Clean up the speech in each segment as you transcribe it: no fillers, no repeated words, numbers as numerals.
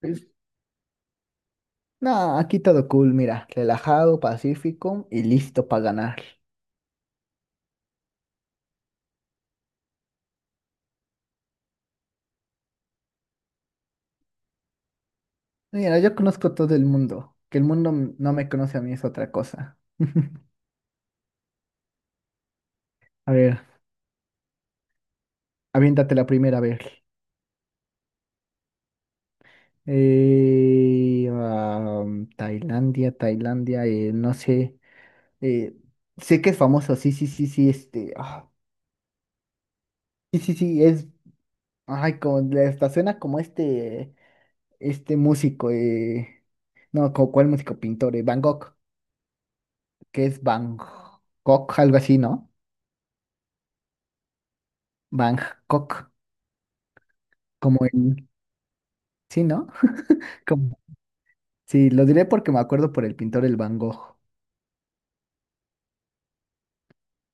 Pues, no, aquí todo cool, mira, relajado, pacífico y listo para ganar. Mira, yo conozco todo el mundo, que el mundo no me conoce a mí es otra cosa. A ver, aviéntate la primera vez. Tailandia, no sé, eh, sé que es famoso, sí, sí, sí, sí, este, ah, sí, sí, sí, es, ay, como, hasta suena como este músico, no, como cuál músico, pintor, Van Gogh. Que es Bangkok, algo así, ¿no? Bangkok, como en... Sí, ¿no? Como... Sí, lo diré porque me acuerdo por el pintor el Van Gogh.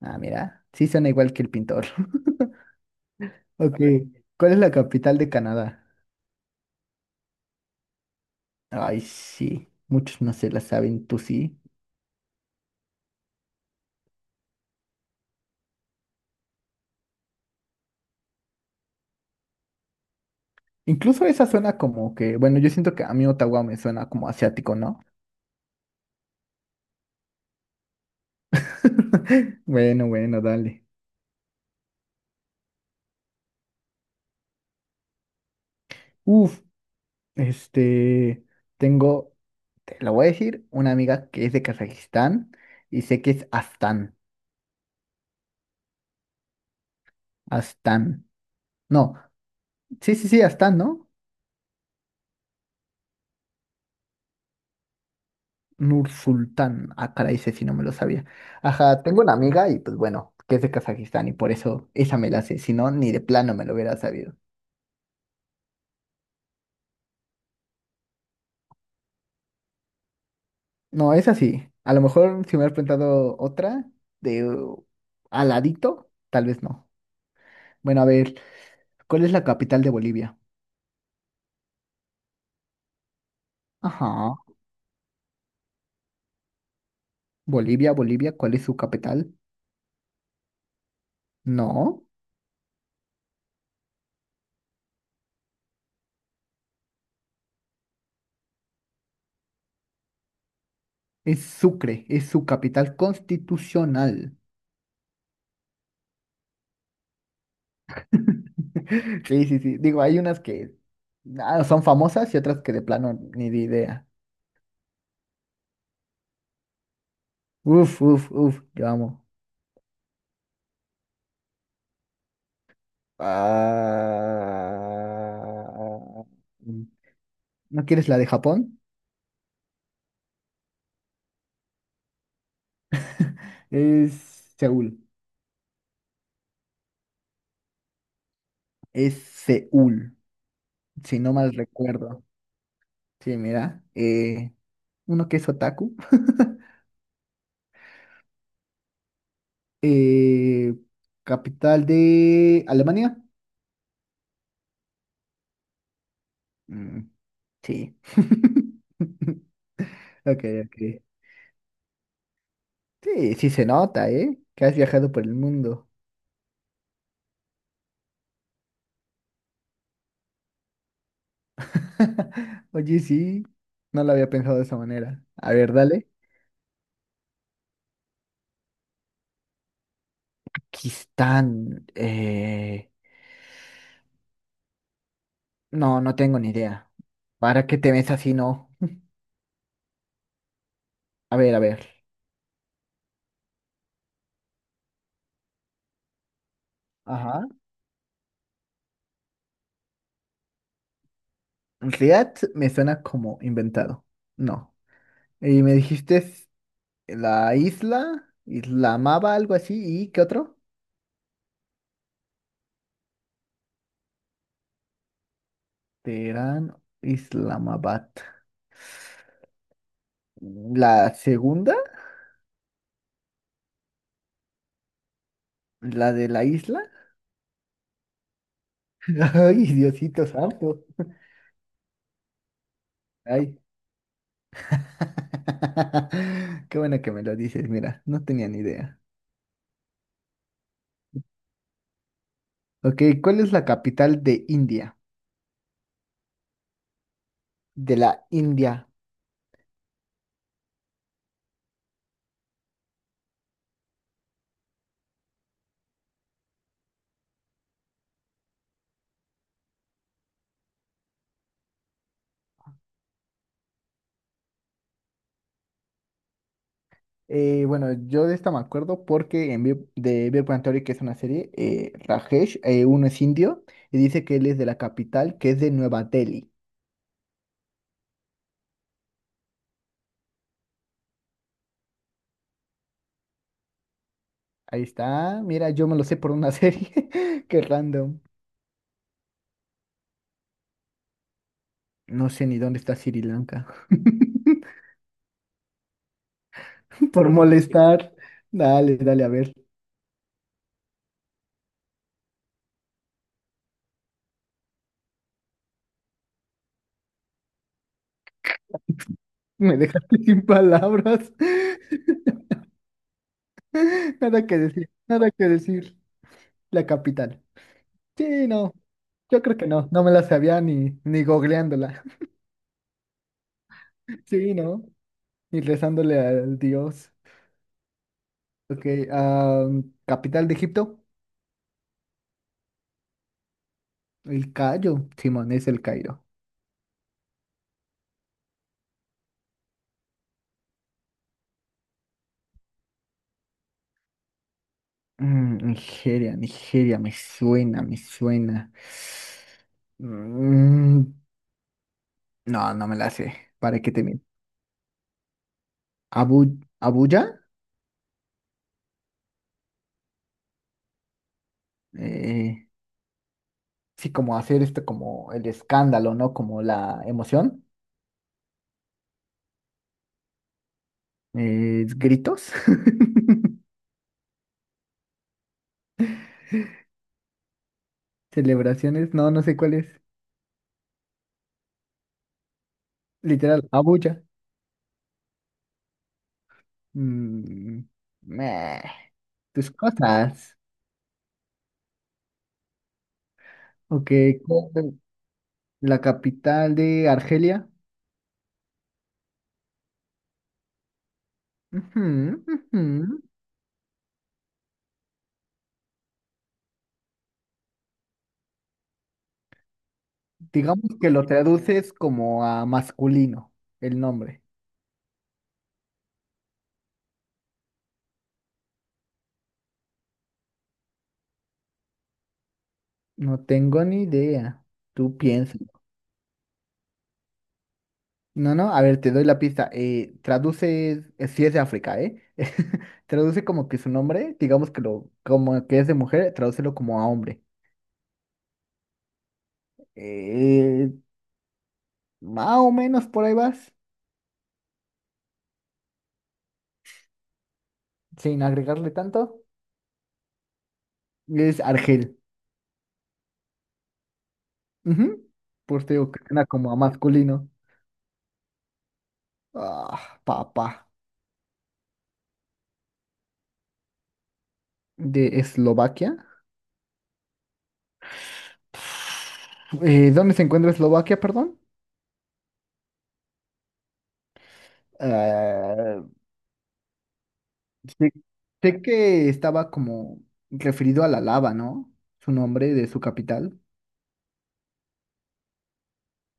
Ah, mira, sí suena igual que el pintor. Ok, ¿cuál es la capital de Canadá? Ay, sí, muchos no se la saben, tú sí. Incluso esa suena como que, bueno, yo siento que a mí Ottawa me suena como asiático, ¿no? Bueno, bueno, dale. Uf, este, tengo. Te lo voy a decir, una amiga que es de Kazajistán y sé que es Astán. Astán. No, sí, sí, sí, Astán, ¿no? Nursultán. Ah, caray, ese sí no me lo sabía. Ajá, tengo una amiga y pues bueno, que es de Kazajistán y por eso esa me la sé. Si no, ni de plano me lo hubiera sabido. No, es así. A lo mejor si me hubieras preguntado otra de aladito, tal vez no. Bueno, a ver, ¿cuál es la capital de Bolivia? Ajá. Bolivia, ¿cuál es su capital? No. Es Sucre, es su capital constitucional. Sí, sí, sí. Digo, hay unas que ah, son famosas y otras que de plano ni de idea. Uf, uf, uf, yo amo. Ah, ¿no quieres la de Japón? Es Seúl. Es Seúl, si no mal recuerdo. Sí, mira. Uno que es otaku. Eh, capital de Alemania. Mm, sí. Ok, ok. Sí, sí se nota, ¿eh? Que has viajado por el mundo. Oye, sí, no lo había pensado de esa manera. A ver, dale. Kistán, no, no tengo ni idea. ¿Para qué te ves así, no? A ver, a ver. Ajá. Riad me suena como inventado. No. Y me dijiste es la isla, Islamaba, algo así. ¿Y qué otro? Teherán, Islamabad. La segunda, la de la isla. Ay, Diosito santo. Ay. Qué bueno que me lo dices, mira, no tenía ni idea. Ok, ¿cuál es la capital de India? De la India. Bueno, yo de esta me acuerdo porque en Big- de Big Bang Theory, que es una serie, Rajesh, uno es indio y dice que él es de la capital, que es de Nueva Delhi. Ahí está, mira, yo me lo sé por una serie. Qué random. No sé ni dónde está Sri Lanka. Por molestar. Dale, dale, a ver. Me dejaste sin palabras. Nada que decir, nada que decir. La capital. Sí, no. Yo creo que no. No me la sabía ni googleándola. Sí, no. Ni rezándole al dios. Ok. Capital de Egipto. El Cairo. Simón, es el Cairo. Mm, Nigeria. Me suena, me suena. Mm, no, no me la sé. ¿Para qué te miento? Abuya, eh, sí, como hacer esto, como el escándalo, ¿no? Como la emoción, gritos, celebraciones, no, no sé cuál es. Literal, Abuya. Mm, meh, tus cosas. Ok, ¿cuál es la capital de Argelia? Ujú, ujú. Digamos que lo traduces como a masculino, el nombre. No tengo ni idea. Tú piensas. No, no, a ver, te doy la pista. Traduce, si es de África, ¿eh? Traduce como que su nombre, digamos que lo, como que es de mujer, tradúcelo como a hombre. Eh, más o menos por ahí vas, sin agregarle tanto. Es Argel. Ujú. Pues te digo que suena como a masculino. Ah, papá. De Eslovaquia. ¿Dónde se encuentra Eslovaquia, perdón? Eh, Sé, sé que estaba como referido a la lava, ¿no? Su nombre de su capital.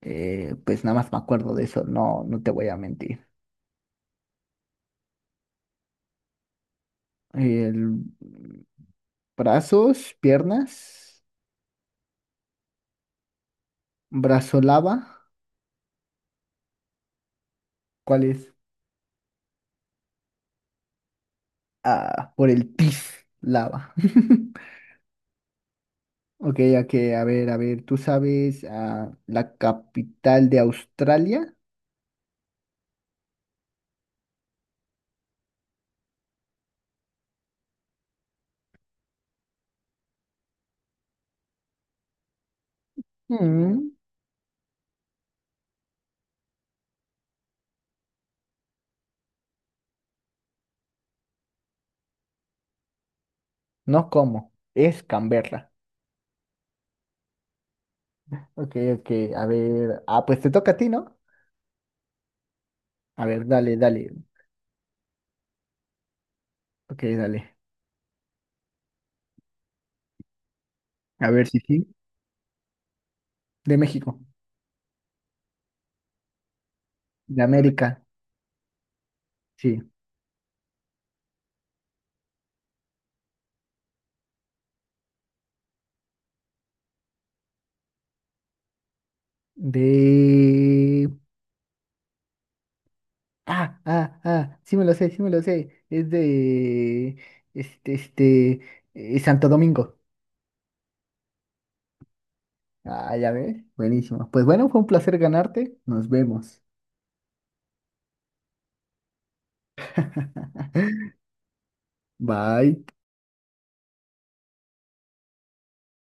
Pues nada más me acuerdo de eso, no, no te voy a mentir. El- brazos, piernas, brazo lava. ¿Cuál es? Ah, por el pis lava. Ok, ok, a ver, ¿tú sabes la capital de Australia? Mm, no, ¿cómo? Es Canberra. Ok, ok, a ver. Ah, pues te toca a ti, ¿no? A ver, dale, dale. Ok, dale. A ver si sí. De México. De América. Sí. De. Ah, ah, ah. Sí me lo sé, sí me lo sé. Es de. este. Santo Domingo. Ah, ya ves. Buenísimo. Pues bueno, fue un placer ganarte. Nos vemos. Bye.